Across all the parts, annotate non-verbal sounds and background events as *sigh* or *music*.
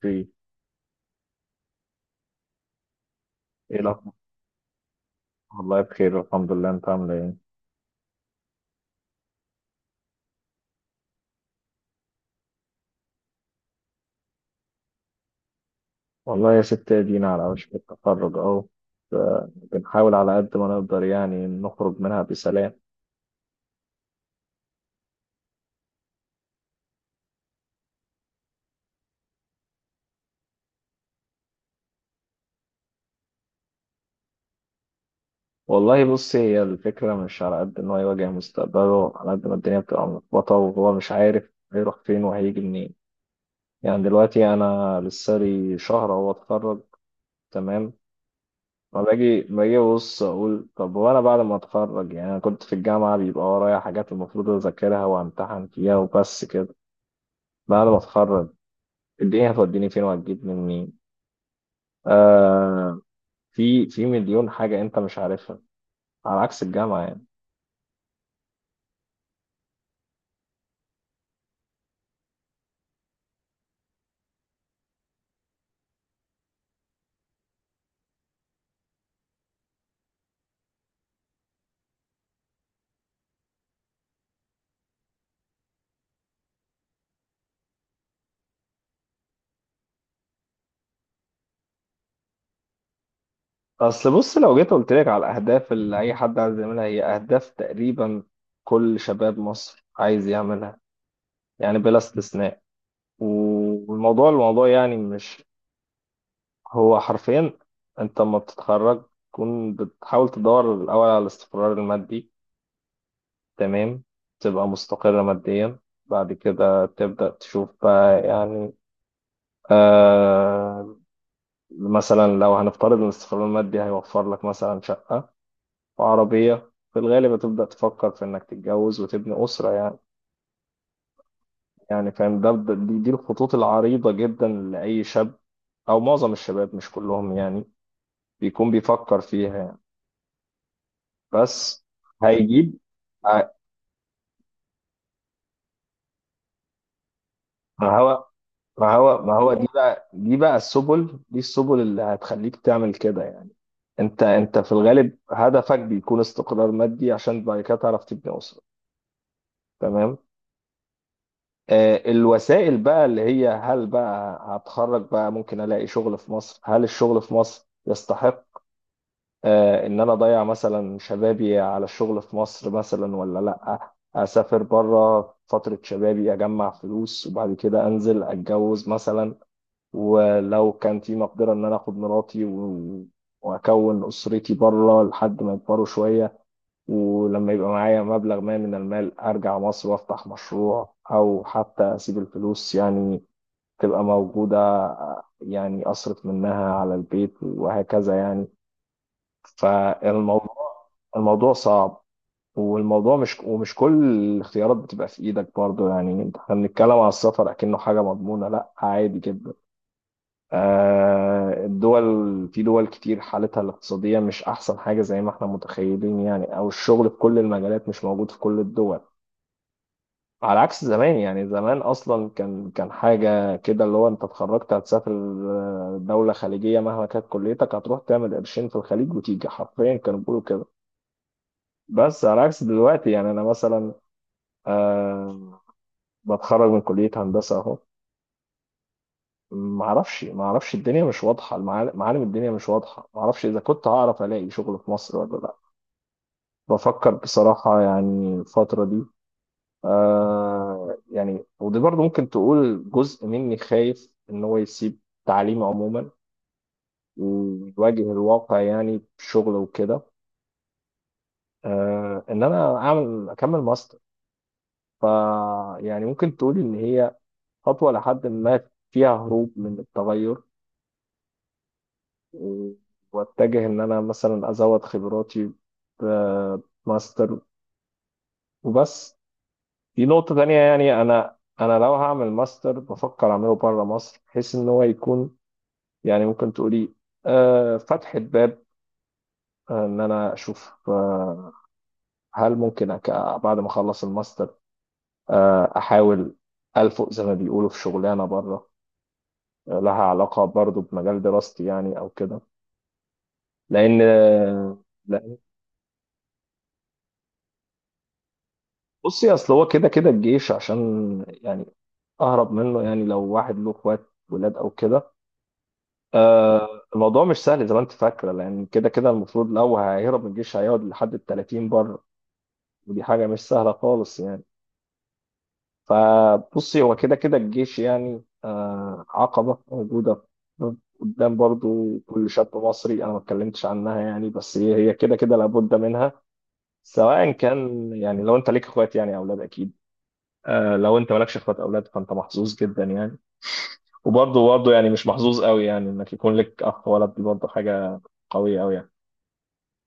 في، ايه الاخبار؟ والله بخير الحمد لله، انت عامله ايه؟ والله يا ست ادينا على وشك التخرج اهو. ف- بنحاول على قد ما نقدر يعني نخرج منها بسلام. والله بص، هي الفكره مش على قد ان هو يواجه مستقبله على قد ما الدنيا بتبقى ملخبطه وهو مش عارف هيروح فين وهيجي منين. يعني دلوقتي انا لسه لي شهر اهو اتخرج، تمام. فباجي ابص اقول طب، وانا بعد ما اتخرج يعني انا كنت في الجامعه بيبقى ورايا حاجات المفروض اذاكرها وامتحن فيها وبس كده. بعد ما اتخرج الدنيا هتوديني فين وهتجيبني منين؟ آه، في مليون حاجة انت مش عارفها، على عكس الجامعة يعني. اصل بص، لو جيت قلت لك على الاهداف اللي اي حد عايز يعملها، هي اهداف تقريبا كل شباب مصر عايز يعملها، يعني بلا استثناء. والموضوع يعني مش هو حرفيا، انت لما بتتخرج تكون بتحاول تدور الاول على الاستقرار المادي، تمام. تبقى مستقر ماديا، بعد كده تبدأ تشوف بقى يعني. آه، مثلا لو هنفترض ان الاستقرار المادي هيوفر لك مثلا شقة وعربية، في الغالب هتبدأ تفكر في انك تتجوز وتبني أسرة يعني. يعني فاهم، دي الخطوط العريضة جدا لأي شاب، او معظم الشباب مش كلهم يعني، بيكون بيفكر فيها يعني. بس هيجيب ه- ما هو ما هو دي بقى السبل، دي السبل اللي هتخليك تعمل كده يعني. انت في الغالب هدفك بيكون استقرار مادي عشان بعد كده تعرف تبني أسرة، تمام. آه، الوسائل بقى اللي هي، هل بقى هتخرج بقى ممكن الاقي شغل في مصر؟ هل الشغل في مصر يستحق، آه، ان انا اضيع مثلا شبابي على الشغل في مصر مثلا ولا لا؟ اسافر بره فترة شبابي، اجمع فلوس وبعد كده انزل اتجوز مثلا، ولو كان في مقدرة ان انا اخد مراتي واكون اسرتي بره لحد ما يكبروا شوية، ولما يبقى معايا مبلغ ما من المال أرجع مصر وأفتح مشروع، أو حتى أسيب الفلوس يعني تبقى موجودة، يعني أصرف منها على البيت وهكذا يعني. فالموضوع صعب، والموضوع مش ومش كل الاختيارات بتبقى في إيدك برضو يعني. احنا بنتكلم على السفر أكنه حاجة مضمونة، لأ عادي جدا، آه، في دول كتير حالتها الاقتصادية مش أحسن حاجة زي ما احنا متخيلين يعني، أو الشغل في كل المجالات مش موجود في كل الدول. على عكس زمان يعني، زمان أصلا كان حاجة كده اللي هو، أنت اتخرجت هتسافر آه، دولة خليجية مهما كانت كليتك هتروح تعمل قرشين في الخليج وتيجي، حرفيا كانوا بيقولوا كده. بس على عكس دلوقتي، يعني أنا مثلا، أه بتخرج من كلية هندسة أهو، ما اعرفش الدنيا مش واضحه، معالم الدنيا مش واضحه، ما اعرفش اذا كنت هعرف الاقي شغل في مصر ولا لا. بفكر بصراحه يعني الفتره دي، آه يعني، ودي برضو ممكن تقول جزء مني خايف ان هو يسيب تعليمه عموما ويواجه الواقع يعني بشغل وكده. آه، ان انا اكمل ماستر، ف يعني ممكن تقول ان هي خطوه لحد ما فيها هروب من التغير، واتجه ان انا مثلا ازود خبراتي بماستر وبس. دي نقطة تانية يعني، انا لو هعمل ماستر بفكر اعمله بره مصر، بحيث ان هو يكون، يعني ممكن تقولي آه، فتحة باب، آه، ان انا اشوف آه، هل ممكن أك- بعد ما اخلص الماستر آه، احاول الفق زي ما بيقولوا في شغلانة بره، لها علاقة برضو بمجال دراستي يعني او كده. لان بصي، اصل هو كده كده الجيش عشان، يعني اهرب منه يعني، لو واحد له اخوات ولاد او كده، آه الموضوع مش سهل زي ما انت فاكره، لان كده كده المفروض لو هيهرب من الجيش هيقعد لحد ال 30 بره، ودي حاجه مش سهله خالص يعني. فبصي، هو كده كده الجيش يعني آه عقبه موجوده قدام برضو كل شاب مصري، انا ما اتكلمتش عنها يعني، بس هي كده كده لابد منها. سواء كان يعني، لو انت ليك اخوات يعني او اولاد اكيد، آه، لو انت مالكش اخوات اولاد فانت محظوظ جدا يعني، وبرضه يعني مش محظوظ قوي يعني، انك يكون لك اخ ولد دي برضه حاجه قويه قوي يعني.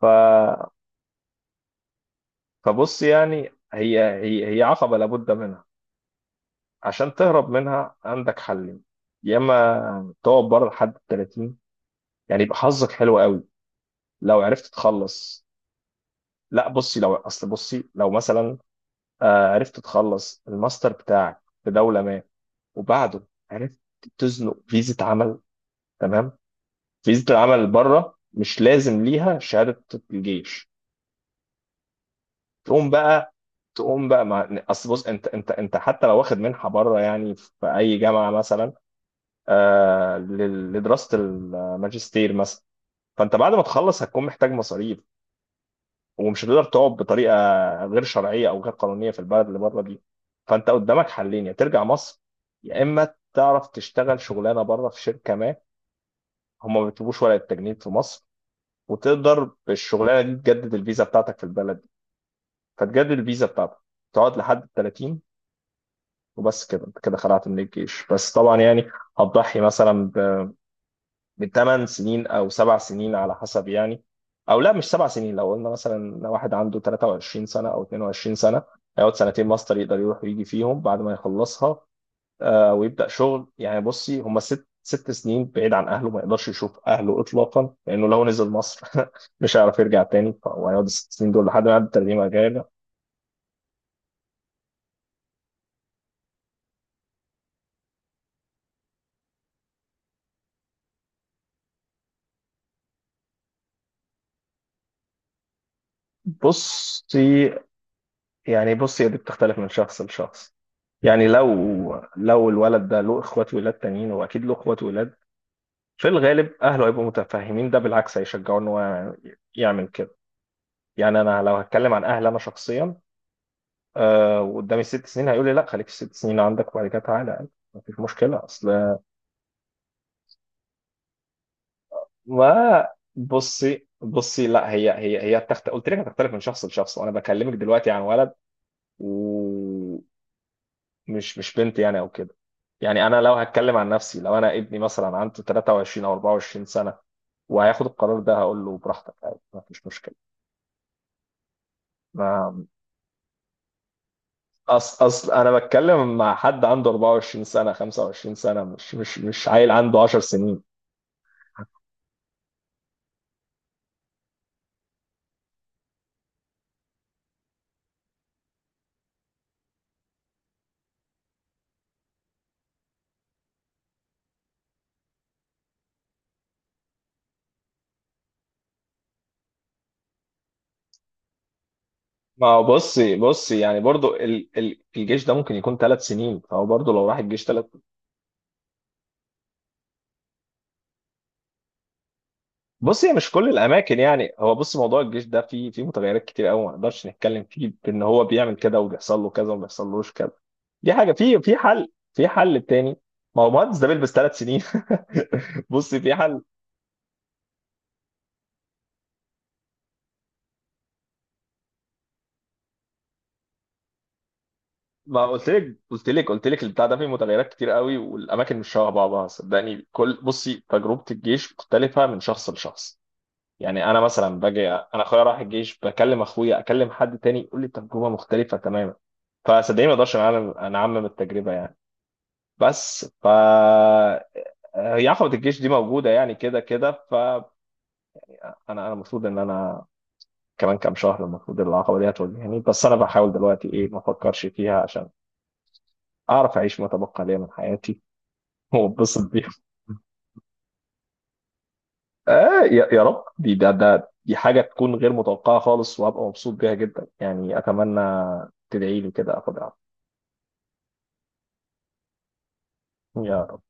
ف... فبص، يعني هي عقبه لابد منها. عشان تهرب منها عندك حلين، يا اما تقعد بره لحد ال 30، يعني يبقى حظك حلو قوي لو عرفت تخلص. لا بصي لو اصل بصي لو مثلا، آه، عرفت تخلص الماستر بتاعك في دوله ما، وبعده عرفت تزنق فيزا عمل، تمام. فيزا العمل بره مش لازم ليها شهاده الجيش، تقوم بقى تقوم بقى مع اصل بص، انت حتى لو واخد منحه بره يعني في اي جامعه مثلا، آه لدراسه الماجستير مثلا، فانت بعد ما تخلص هتكون محتاج مصاريف، ومش هتقدر تقعد بطريقه غير شرعيه او غير قانونيه في البلد اللي بره دي، فانت قدامك حلين، يا ترجع مصر، يا اما تعرف تشتغل شغلانه بره في شركه ما، هم ما بيطلبوش ورقه تجنيد في مصر، وتقدر بالشغلانه دي تجدد الفيزا بتاعتك في البلد، فتجدد الفيزا بتاعتك تقعد لحد ال 30، وبس كده انت كده خلعت من الجيش. بس طبعا يعني هتضحي مثلا ب 8 سنين او 7 سنين على حسب يعني، او لا مش 7 سنين، لو قلنا مثلا لو واحد عنده 23 سنه او 22 سنه، هيقعد سنتين ماستر يقدر يروح ويجي فيهم بعد ما يخلصها، آه، ويبدا شغل يعني. بصي هم ست سنين بعيد عن اهله، ما يقدرش يشوف اهله اطلاقا، لانه لو نزل مصر *laughs* مش هيعرف يرجع تاني، وهيقعد ال 6 سنين دول لحد ما يعدي 30 غير. بصي يعني بص، هي دي بتختلف من شخص لشخص يعني، لو الولد ده له اخوات ولاد تانيين، واكيد له اخوات ولاد في الغالب اهله هيبقوا متفاهمين، ده بالعكس هيشجعوه ان هو يعمل كده. يعني انا لو هتكلم عن اهل انا شخصيا، آه وقدامي 6 سنين هيقول لي لا خليك في 6 سنين عندك وبعد كده تعالى، مفيش مشكله اصل. ما بصي بصي لا، قلت لك هتختلف من شخص لشخص، وانا بكلمك دلوقتي عن ولد و... مش بنت يعني او كده. يعني انا لو هتكلم عن نفسي، لو انا ابني مثلا عنده 23 او 24 سنه وهياخد القرار ده هقول له براحتك عادي ما فيش مشكله. ما اصل اصل انا بتكلم مع حد عنده 24 سنه 25 سنه، مش عيل عنده 10 سنين. ما هو بصي يعني برضو، الجيش ده ممكن يكون 3 سنين، فهو برضو لو راح الجيش 3. بص هي مش كل الاماكن يعني، هو بص موضوع الجيش ده فيه متغيرات كتير قوي، ما نقدرش نتكلم فيه بان هو بيعمل كده وبيحصل له كذا وما بيحصلوش كذا. دي حاجه، في حل تاني، ما هو مهندس ده بيلبس 3 سنين. *laughs* بص في حل، ما قلت لك قلت لك، البتاع ده فيه متغيرات كتير قوي والاماكن مش شبه بعضها صدقني. كل تجربه الجيش مختلفه من شخص لشخص، يعني انا مثلا باجي انا اخويا راح الجيش، بكلم اخويا اكلم حد تاني يقول لي تجربه مختلفه تماما، فصدقني ما اقدرش انا انعمم التجربه يعني. بس ف هي عقبه الجيش دي موجوده يعني كده كده، انا المفروض ان انا كمان كام شهر المفروض العقبه دي هتواجهني، بس انا بحاول دلوقتي ايه، ما افكرش فيها عشان اعرف اعيش ما تبقى ليا من حياتي *laughs* واتبسط بيها. آه يا رب، دي ده ده دي حاجة تكون غير متوقعة خالص، وهبقى مبسوط بيها جدا يعني أتمنى. تدعي لي كده أخدها، يا